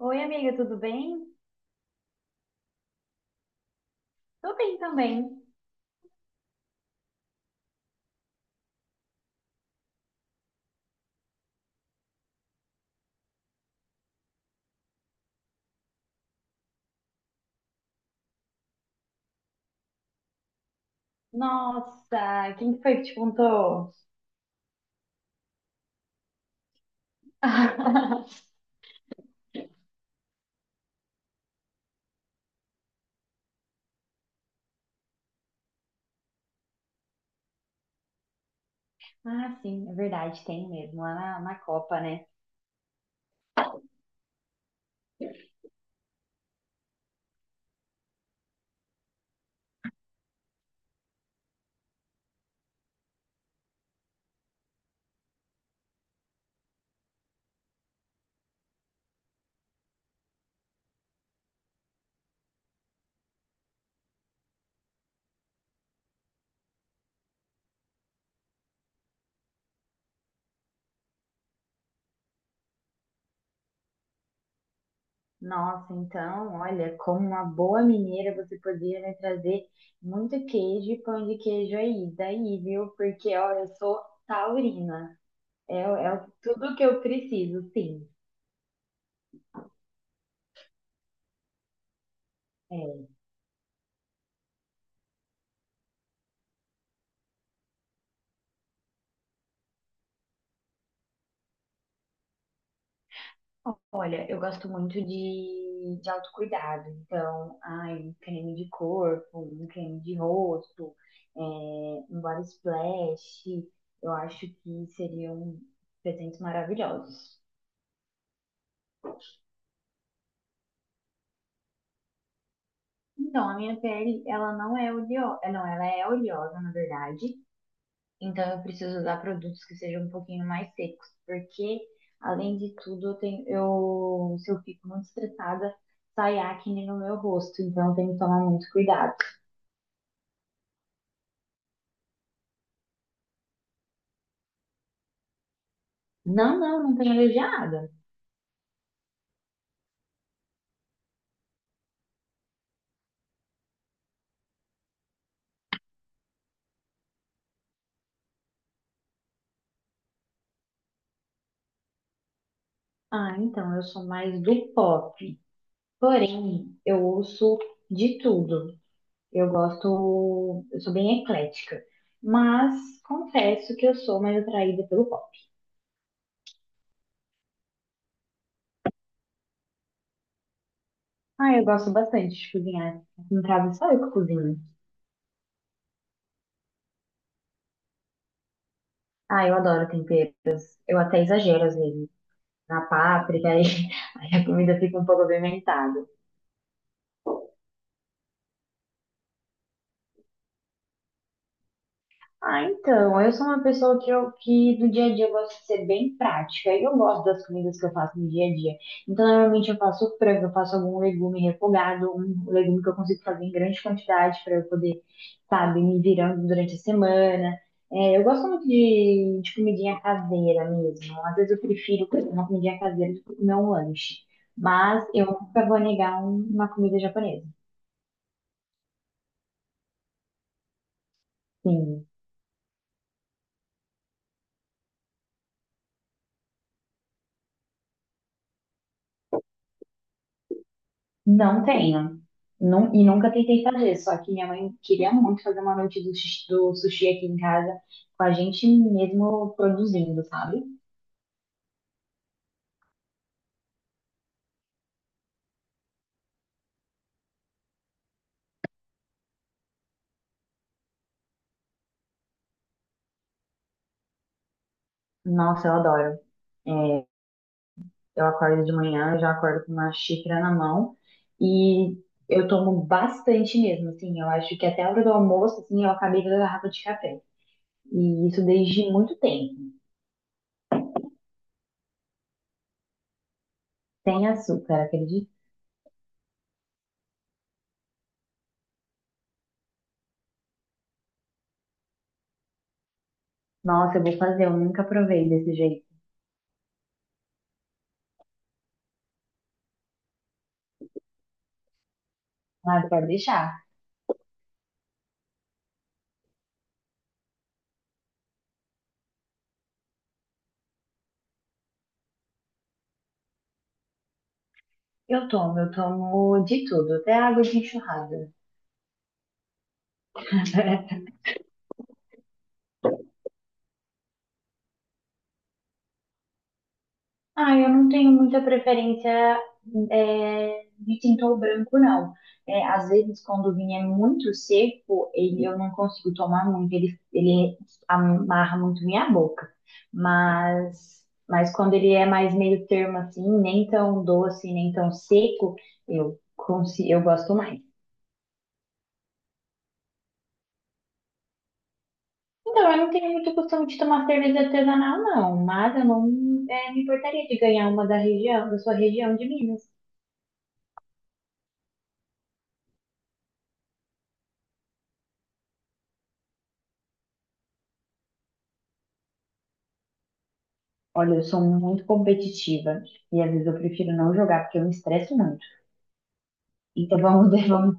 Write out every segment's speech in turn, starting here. Oi, amiga, tudo bem? Tô bem também. Nossa, quem que foi que te contou? Ah, sim, é verdade, tem mesmo, lá na Copa, né? Nossa, então, olha, como uma boa mineira, você poderia me trazer muito queijo e pão de queijo aí, daí, viu? Porque, ó, eu sou taurina, tudo que eu preciso, sim. É. Olha, eu gosto muito de autocuidado, então, ai, um creme de corpo, um creme de rosto, um body splash, eu acho que seriam presentes maravilhosos. Então, a minha pele, ela não é oleosa, é, não, ela é oleosa, na verdade, então eu preciso usar produtos que sejam um pouquinho mais secos, porque, além de tudo, se eu fico muito estressada, sai acne no meu rosto, então eu tenho que tomar muito cuidado. Não, não, não tenho a ver de nada. Ah, então, eu sou mais do pop. Porém, eu ouço de tudo. Eu gosto, eu sou bem eclética. Mas confesso que eu sou mais atraída pelo pop. Ah, eu gosto bastante de cozinhar. Em casa só eu que cozinho. Ah, eu adoro temperos. Eu até exagero às vezes. Na páprica, aí, aí a comida fica um pouco apimentada. Ah, então, eu sou uma pessoa que, eu, que no dia a dia eu gosto de ser bem prática. Eu gosto das comidas que eu faço no dia a dia. Então, normalmente eu faço frango, eu faço algum legume refogado, um legume que eu consigo fazer em grande quantidade para eu poder, sabe, me virando durante a semana. É, eu gosto muito de comidinha caseira mesmo. Às vezes eu prefiro comer uma comidinha caseira do que comer um lanche. Mas eu nunca vou negar uma comida japonesa. Sim. Não tenho. E nunca tentei fazer, só que minha mãe queria muito fazer uma noite do, do sushi aqui em casa, com a gente mesmo produzindo, sabe? Nossa, eu adoro. É, eu acordo de manhã, eu já acordo com uma xícara na mão e eu tomo bastante mesmo, assim, eu acho que até a hora do almoço, assim, eu acabei da garrafa de café. E isso desde muito tempo. Sem açúcar, acredito. Nossa, eu vou fazer, eu nunca provei desse jeito. Nada, pode deixar. Eu tomo de tudo, até água de enxurrada. Ah, eu não tenho muita preferência de tintor branco, não. É, às vezes, quando o vinho é muito seco, ele, eu não consigo tomar muito, ele amarra muito minha boca. Mas quando ele é mais meio termo assim, nem tão doce, nem tão seco, eu gosto mais. Então, eu não tenho muito costume de tomar cerveja artesanal, não, mas eu não eh, me importaria de ganhar uma da região, da sua região de Minas. Olha, eu sou muito competitiva e às vezes eu prefiro não jogar porque eu me estresso muito. Então vamos, ver, vamos.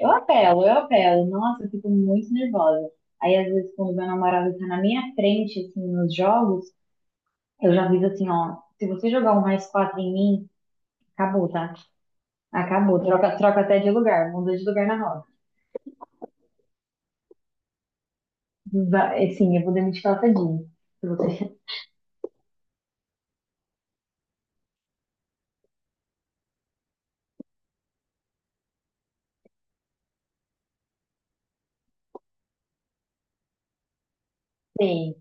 Eu apelo. Nossa, eu fico muito nervosa. Aí às vezes quando meu namorado tá na minha frente, assim, nos jogos, eu já aviso assim, ó, se você jogar um mais quatro em mim, acabou, tá? Acabou. Troca até de lugar, muda de lugar na roda. Assim, eu vou demitir ela tadinha. Se você... Sei.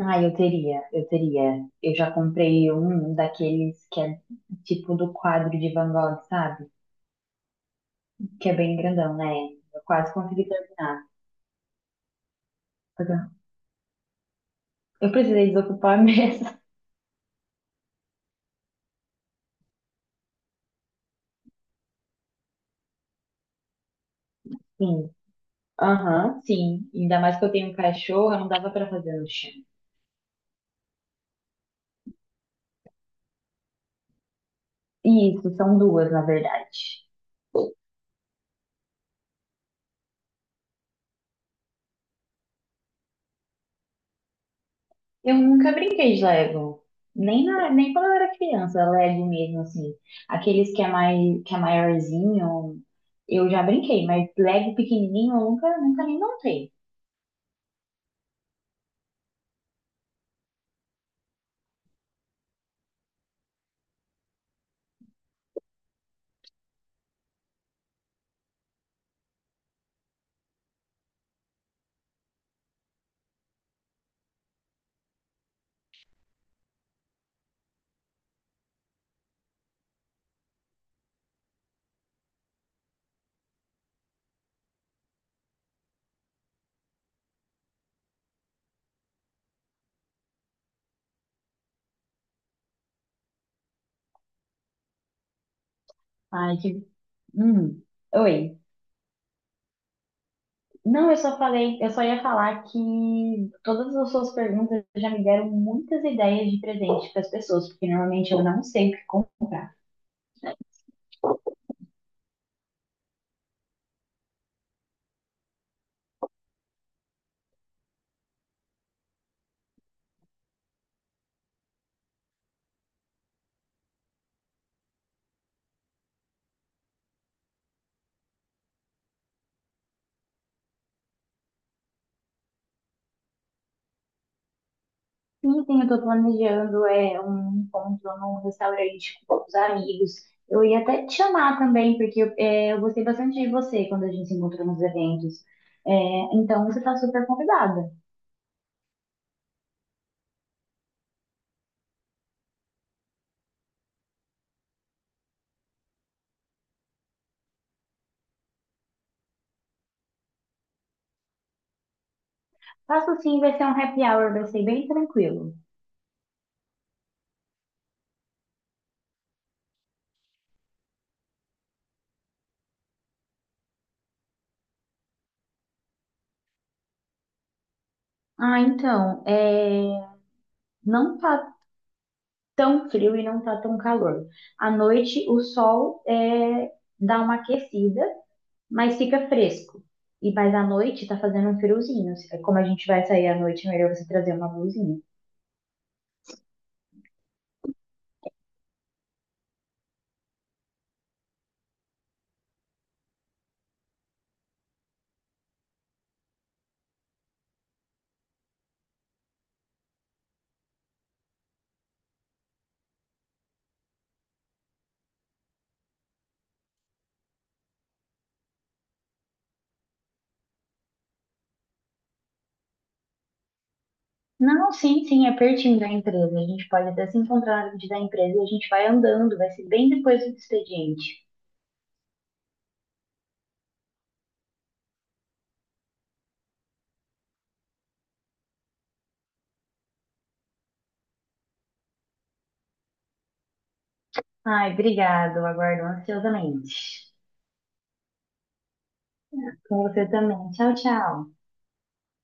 Ah, eu teria. Eu já comprei um daqueles que é tipo do quadro de Van Gogh, sabe? Que é bem grandão, né? Eu quase consegui terminar. Mas eu precisei desocupar a mesa. Sim. Aham, sim. Ainda mais que eu tenho um cachorro, não dava pra fazer no chão. Isso, são duas, na verdade. Eu nunca brinquei de Lego. Nem quando eu era criança, Lego mesmo, assim. Aqueles que é, mai, Que é maiorzinho, eu já brinquei, mas Lego pequenininho eu nunca, nunca nem montei. Ai, que. Hum. Oi. Não, eu só falei, eu só ia falar que todas as suas perguntas já me deram muitas ideias de presente para as pessoas, porque normalmente eu não sei o que comprar. Sim, sim, eu tô planejando um encontro num restaurante com poucos amigos. Eu ia até te chamar também, porque eu gostei bastante de você quando a gente se encontrou nos eventos. É, então, você tá super convidada. Faço sim, vai ser um happy hour, vai ser bem tranquilo. Ah, então, é, não tá tão frio e não tá tão calor. À noite, o sol dá uma aquecida, mas fica fresco. E mas à noite tá fazendo um friozinho. É, como a gente vai sair à noite, é melhor você trazer uma blusinha. Não, sim, sim, é pertinho da empresa. A gente pode até se encontrar na frente da empresa e a gente vai andando, vai ser bem depois do expediente. Ai, obrigado, aguardo ansiosamente. Com você também. Tchau, tchau.